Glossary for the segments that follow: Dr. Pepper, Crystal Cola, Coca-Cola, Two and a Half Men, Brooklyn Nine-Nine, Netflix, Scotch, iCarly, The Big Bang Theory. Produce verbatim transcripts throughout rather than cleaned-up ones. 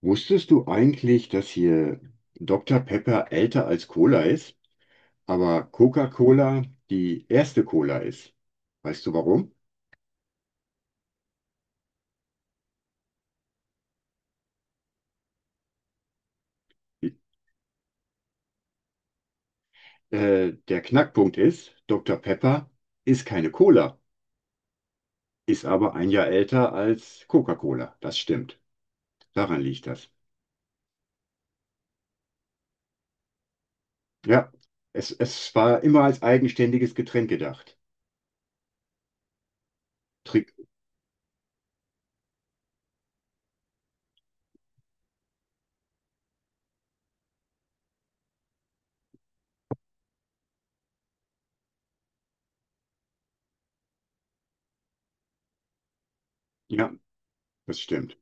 Wusstest du eigentlich, dass hier Doktor Pepper älter als Cola ist, aber Coca-Cola die erste Cola ist? Weißt du warum? Äh, der Knackpunkt ist, Doktor Pepper ist keine Cola, ist aber ein Jahr älter als Coca-Cola. Das stimmt. Daran liegt das. Ja, es, es war immer als eigenständiges Getränk gedacht. Trick. Ja, das stimmt.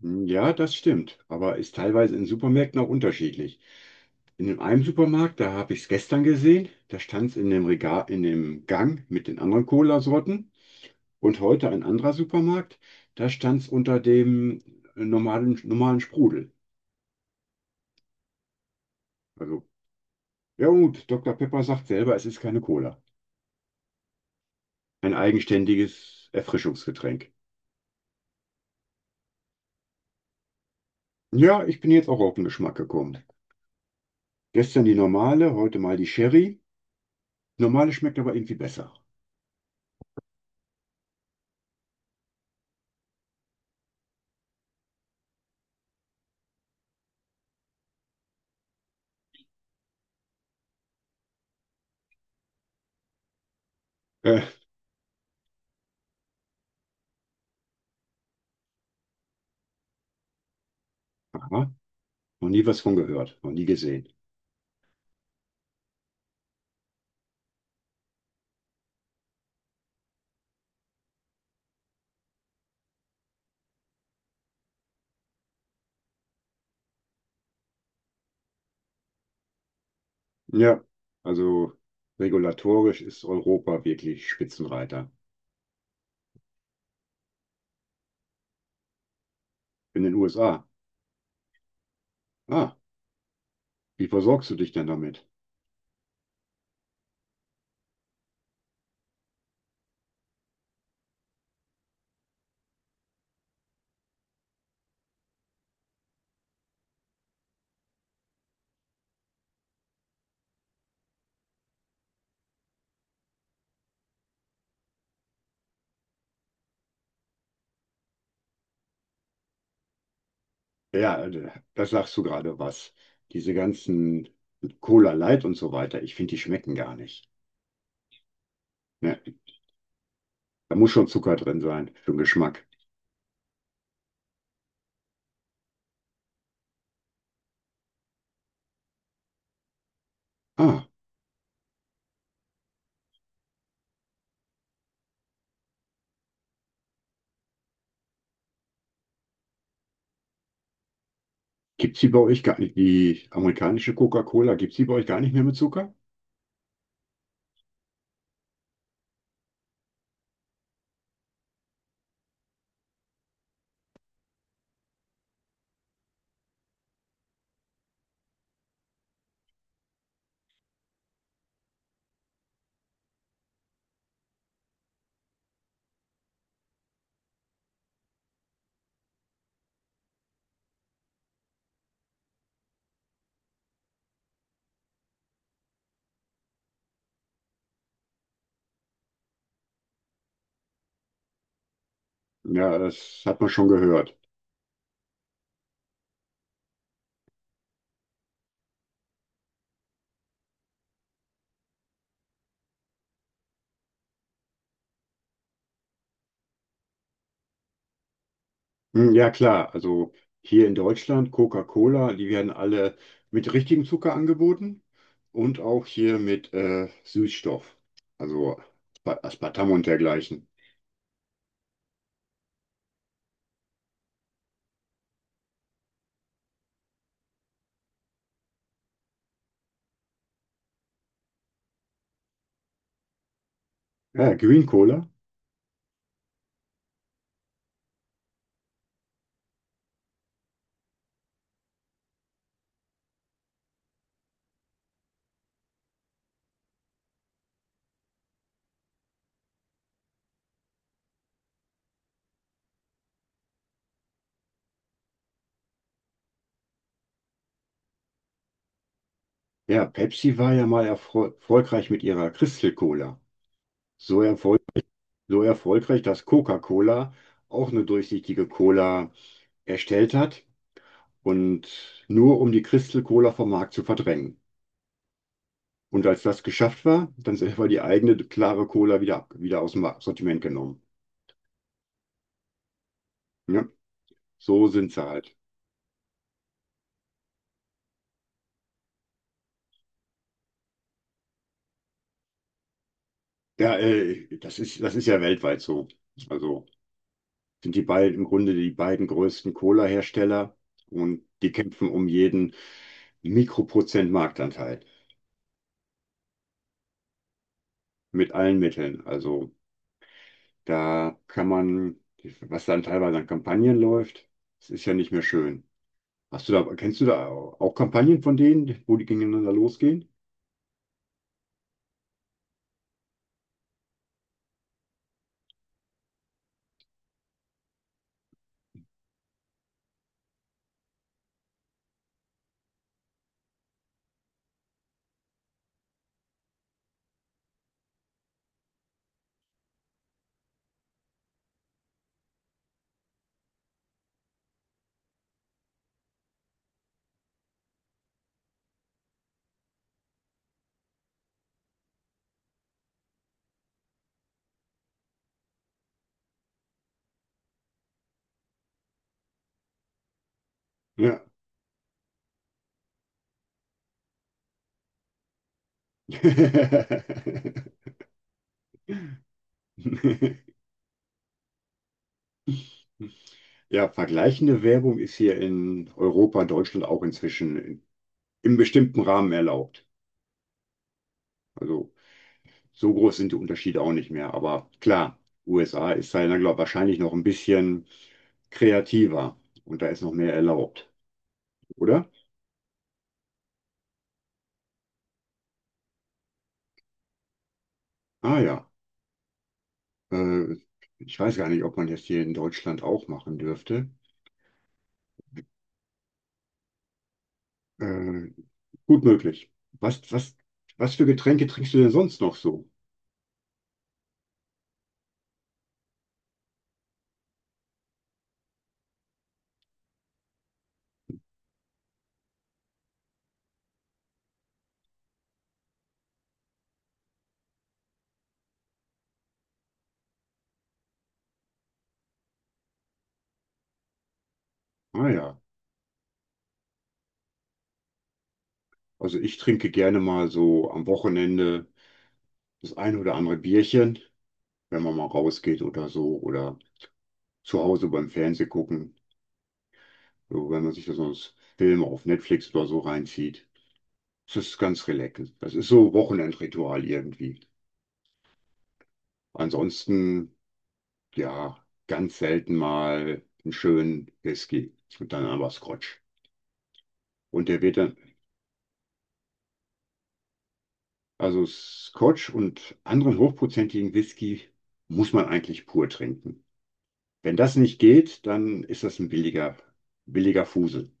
Hm, ja, das stimmt, aber ist teilweise in Supermärkten auch unterschiedlich. In dem einen Supermarkt, da habe ich es gestern gesehen, da stand es in dem Regal, in dem Gang mit den anderen Cola-Sorten. Und heute ein anderer Supermarkt, da stand es unter dem äh, normalen, normalen Sprudel. Also, ja gut, Doktor Pepper sagt selber, es ist keine Cola. Ein eigenständiges Erfrischungsgetränk. Ja, ich bin jetzt auch auf den Geschmack gekommen. Gestern die normale, heute mal die Sherry. Normale schmeckt aber irgendwie besser. Äh, aha, noch nie was von gehört, noch nie gesehen. Ja, also regulatorisch ist Europa wirklich Spitzenreiter. In den U S A. Ah, wie versorgst du dich denn damit? Ja, äh, da sagst du gerade was. Diese ganzen Cola Light und so weiter, ich finde, die schmecken gar nicht. Ja, da muss schon Zucker drin sein für den Geschmack. Ah, gibt's die bei euch gar nicht, die amerikanische Coca-Cola, gibt's die bei euch gar nicht mehr mit Zucker? Ja, das hat man schon gehört. Hm, ja, klar. Also hier in Deutschland, Coca-Cola, die werden alle mit richtigem Zucker angeboten und auch hier mit äh, Süßstoff, also Aspa- Aspartam und dergleichen. Ja, Green Cola. Ja, Pepsi war ja mal erfol- erfolgreich mit ihrer Crystal Cola. So, erfol so erfolgreich, dass Coca-Cola auch eine durchsichtige Cola erstellt hat und nur um die Crystal Cola vom Markt zu verdrängen. Und als das geschafft war, dann selber die eigene klare Cola wieder, ab- wieder aus dem Sortiment genommen. Ne? So sind sie halt. Ja, äh, das ist, das ist ja weltweit so. Also sind die beiden im Grunde die beiden größten Cola-Hersteller und die kämpfen um jeden Mikroprozent Marktanteil mit allen Mitteln. Also da kann man, was dann teilweise an Kampagnen läuft, das ist ja nicht mehr schön. Hast du da, kennst du da auch Kampagnen von denen, wo die gegeneinander losgehen? Ja. Ja, vergleichende Werbung ist hier in Europa, Deutschland auch inzwischen in, im bestimmten Rahmen erlaubt. Also so groß sind die Unterschiede auch nicht mehr. Aber klar, U S A ist da, glaube wahrscheinlich noch ein bisschen kreativer und da ist noch mehr erlaubt, oder? Ah ja, äh, ich weiß gar nicht, ob man das hier in Deutschland auch machen dürfte. Äh, gut möglich. Was, was, was für Getränke trinkst du denn sonst noch so? Ah ja. Also ich trinke gerne mal so am Wochenende das ein oder andere Bierchen, wenn man mal rausgeht oder so, oder zu Hause beim Fernsehen gucken, so, wenn man sich da sonst Filme auf Netflix oder so reinzieht. Das ist ganz relaxend. Das ist so Wochenendritual irgendwie. Ansonsten, ja, ganz selten mal einen schönen Whisky und dann aber Scotch. Und der wird dann, also Scotch und anderen hochprozentigen Whisky muss man eigentlich pur trinken. Wenn das nicht geht, dann ist das ein billiger, billiger Fusel.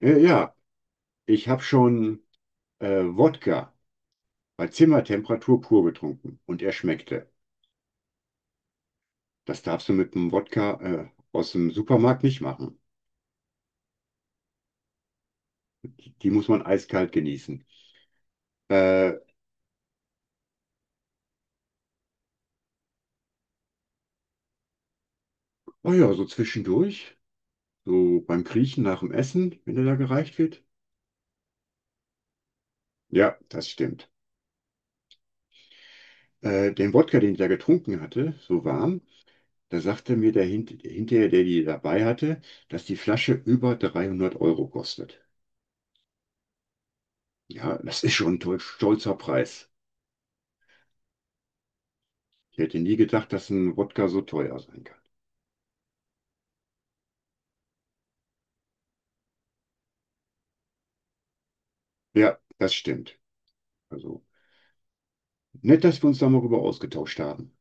Äh, ja, ich habe schon äh, Wodka bei Zimmertemperatur pur getrunken und er schmeckte. Das darfst du mit einem Wodka äh, aus dem Supermarkt nicht machen. Die muss man eiskalt genießen. Äh, oh ja, so zwischendurch, so beim Kriechen nach dem Essen, wenn er da gereicht wird. Ja, das stimmt. Äh, den Wodka, den ich da getrunken hatte, so warm, da sagte mir der Hint hinterher, der die dabei hatte, dass die Flasche über dreihundert Euro kostet. Ja, das ist schon ein to- stolzer Preis. Ich hätte nie gedacht, dass ein Wodka so teuer sein kann. Ja, das stimmt. Also nett, dass wir uns da mal rüber ausgetauscht haben.